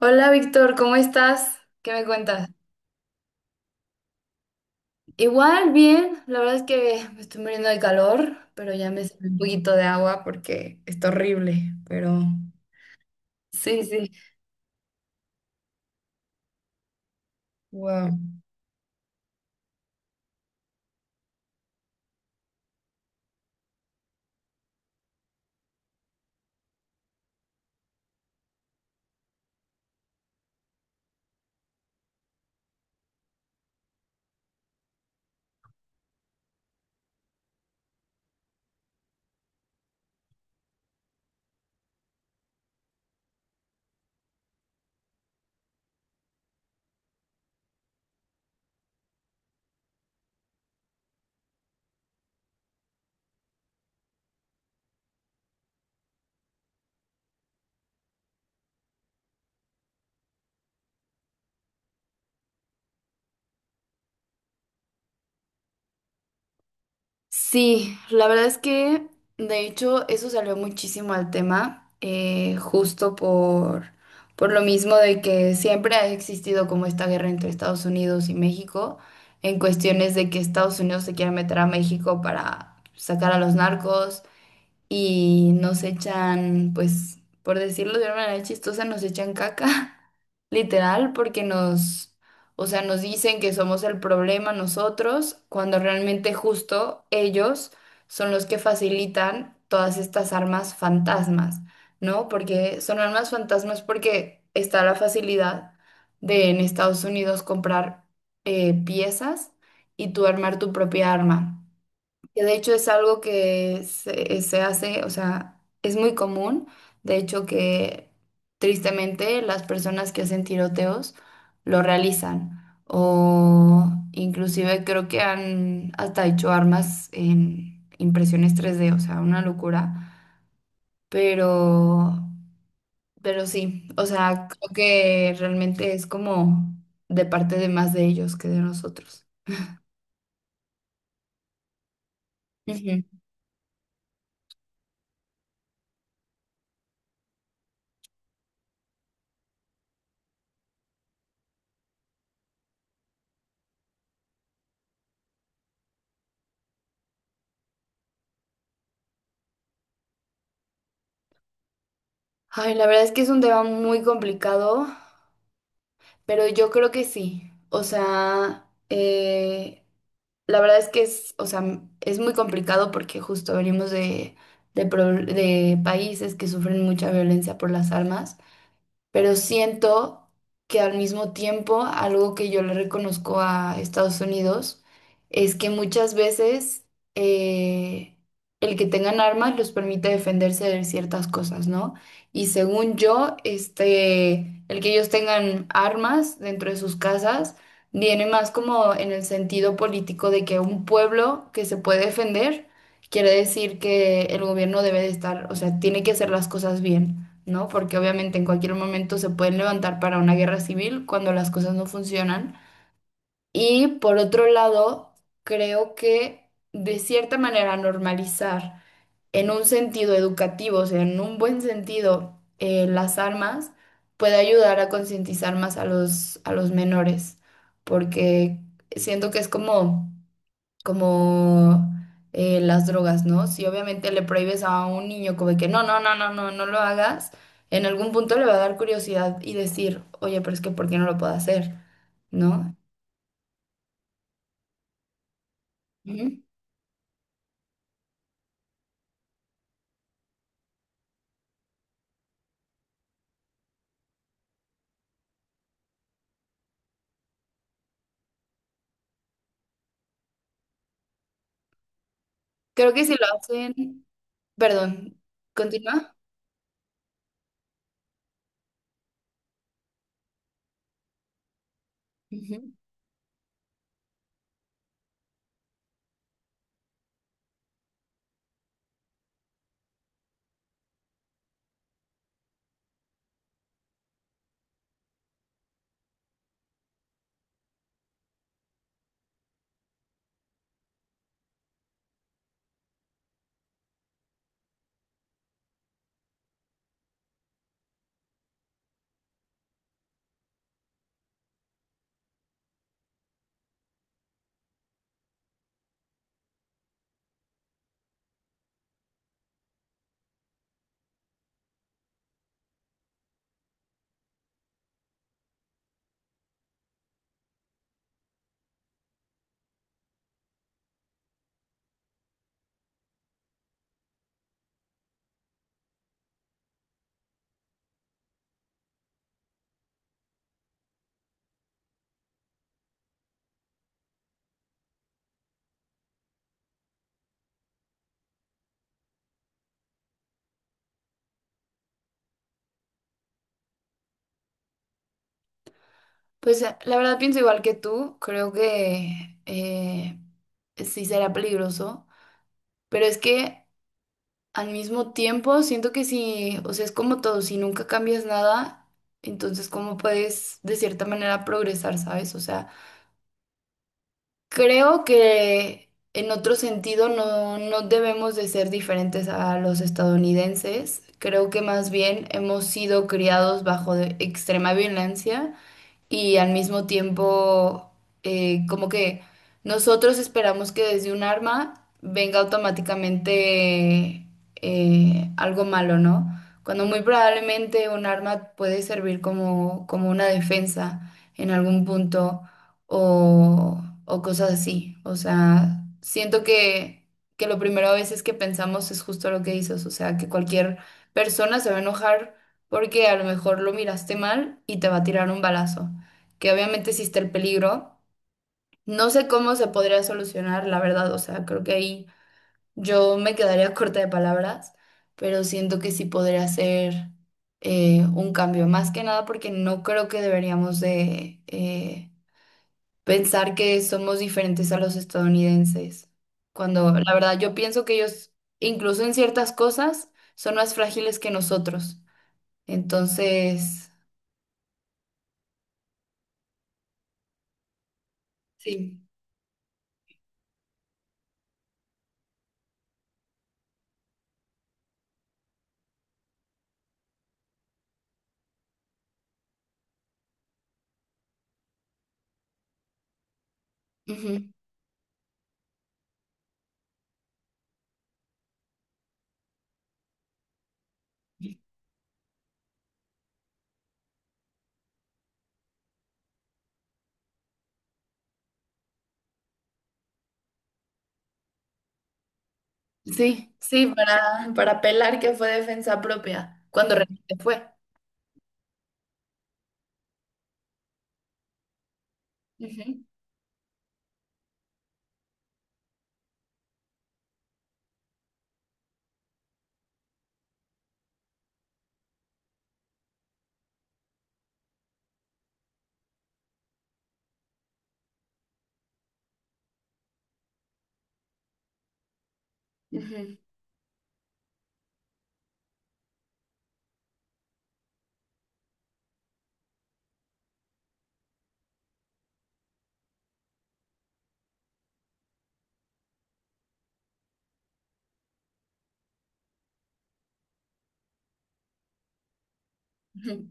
Hola Víctor, ¿cómo estás? ¿Qué me cuentas? Igual, bien, la verdad es que me estoy muriendo de calor, pero ya me sirve un poquito de agua porque está horrible, pero sí, sí, wow. Sí, la verdad es que de hecho eso salió muchísimo al tema, justo por lo mismo de que siempre ha existido como esta guerra entre Estados Unidos y México en cuestiones de que Estados Unidos se quiere meter a México para sacar a los narcos y nos echan, pues, por decirlo de una manera chistosa, nos echan caca, literal, porque nos, o sea, nos dicen que somos el problema nosotros, cuando realmente justo ellos son los que facilitan todas estas armas fantasmas, ¿no? Porque son armas fantasmas porque está la facilidad de en Estados Unidos comprar piezas y tú armar tu propia arma. Que de hecho es algo que se hace, o sea, es muy común, de hecho que tristemente las personas que hacen tiroteos lo realizan o inclusive creo que han hasta hecho armas en impresiones 3D, o sea, una locura, pero, pero sí, o sea, creo que realmente es como de parte de más de ellos que de nosotros. Ujú. Ay, la verdad es que es un tema muy complicado. Pero yo creo que sí. O sea, la verdad es que es, o sea, es muy complicado porque justo venimos de países que sufren mucha violencia por las armas pero siento que al mismo tiempo algo que yo le reconozco a Estados Unidos es que muchas veces eh, el que tengan armas los permite defenderse de ciertas cosas, ¿no? Y según yo, este, el que ellos tengan armas dentro de sus casas viene más como en el sentido político de que un pueblo que se puede defender quiere decir que el gobierno debe de estar, o sea, tiene que hacer las cosas bien. ¿No? Porque obviamente en cualquier momento se pueden levantar para una guerra civil cuando las cosas no funcionan. Y por otro lado, creo que de cierta manera normalizar en un sentido educativo, o sea, en un buen sentido, las armas puede ayudar a concientizar más a los menores, porque siento que es como las drogas, ¿no? Si obviamente le prohíbes a un niño como de que no, no, no, no, no, no lo hagas, en algún punto le va a dar curiosidad y decir, oye, pero es que ¿por qué no lo puedo hacer? ¿No? Ujú. Creo que si lo hacen, perdón, continúa. Ujú. Pues la verdad pienso igual que tú, creo que sí será peligroso, pero es que. Al mismo tiempo, siento que si, o sea, es como todo, si nunca cambias nada, entonces cómo puedes de cierta manera progresar, ¿sabes? O sea, creo que en otro sentido no, no debemos de ser diferentes a los estadounidenses. Creo que más bien hemos sido criados bajo de extrema violencia y al mismo tiempo como que nosotros esperamos que desde un arma venga automáticamente algo malo, ¿no? Cuando muy probablemente un arma puede servir como una defensa en algún punto o cosas así. O sea, siento que lo primero a veces que pensamos es justo lo que dices, o sea, que cualquier persona se va a enojar porque a lo mejor lo miraste mal y te va a tirar un balazo que obviamente existe el peligro. No sé cómo se podría solucionar, la verdad, o sea, creo que ahí yo me quedaría corta de palabras, pero siento que sí podría ser un cambio, más que nada porque no creo que deberíamos de pensar que somos diferentes a los estadounidenses, cuando la verdad yo pienso que ellos, incluso en ciertas cosas, son más frágiles que nosotros. Entonces, sí. Sí, sí, para apelar que fue defensa propia, cuando realmente fue. Ujú, ujú, ujú.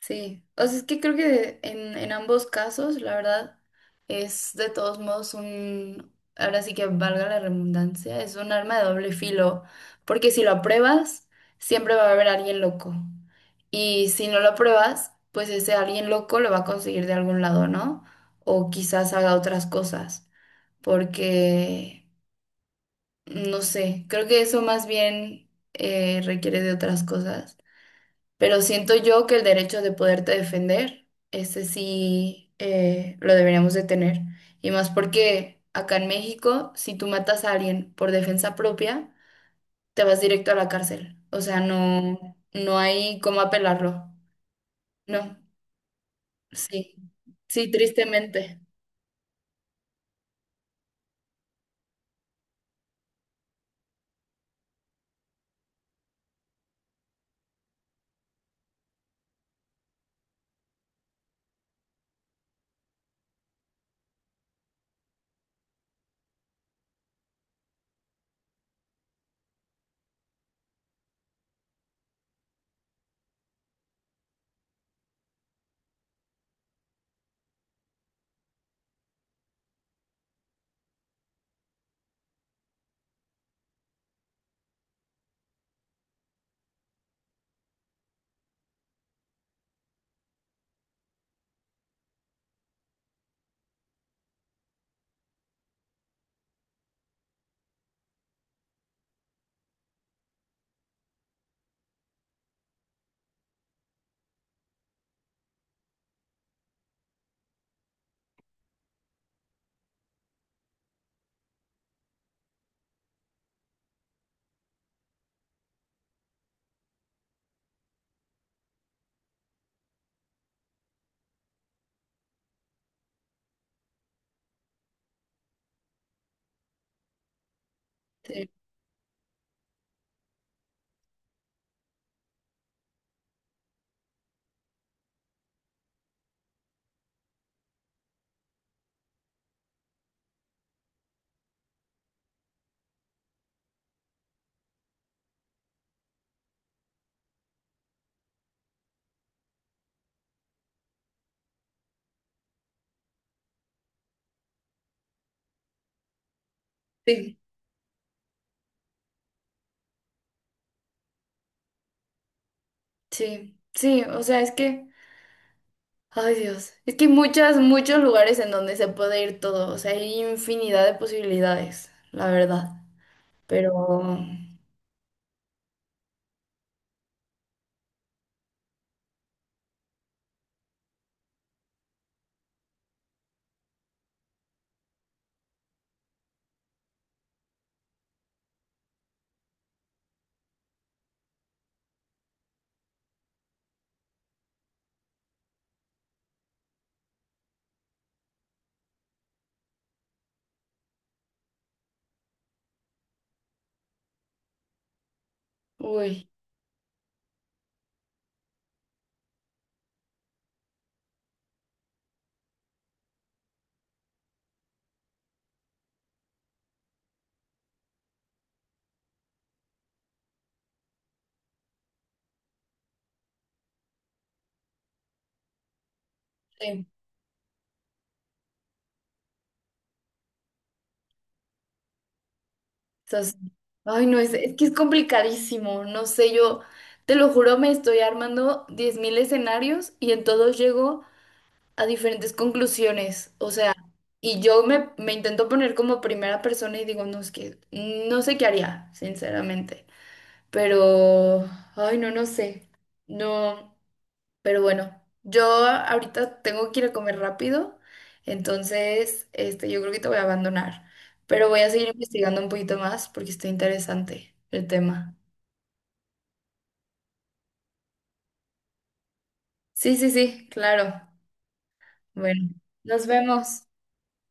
Sí, o sea, es que creo que en ambos casos, la verdad, es de todos modos ahora sí que valga la redundancia, es un arma de doble filo, porque si lo apruebas, siempre va a haber alguien loco. Y si no lo apruebas, pues ese alguien loco lo va a conseguir de algún lado, ¿no? O quizás haga otras cosas, porque. No sé, creo que eso más bien requiere de otras cosas, pero siento yo que el derecho de poderte defender, ese sí lo deberíamos de tener. Y más porque acá en México, si tú matas a alguien por defensa propia, te vas directo a la cárcel. O sea, no, no hay cómo apelarlo. No, sí, sí, tristemente. Sí, sí, sí, sí, o sea, es que. Ay, Dios. Es que hay muchos lugares en donde se puede ir todo. O sea, hay infinidad de posibilidades, la verdad. Pero, uy, sí. Eso sí. Ay, no, es que es complicadísimo. No sé, yo te lo juro, me estoy armando 10,000 escenarios y en todos llego a diferentes conclusiones. O sea, y yo me intento poner como primera persona y digo, no, es que no sé qué haría, sinceramente. Pero, ay, no, no sé. No. Pero bueno, yo ahorita tengo que ir a comer rápido, entonces este, yo creo que te voy a abandonar, pero voy a seguir investigando un poquito más porque está interesante el tema. Sí, sí, sí, claro. Bueno, nos vemos.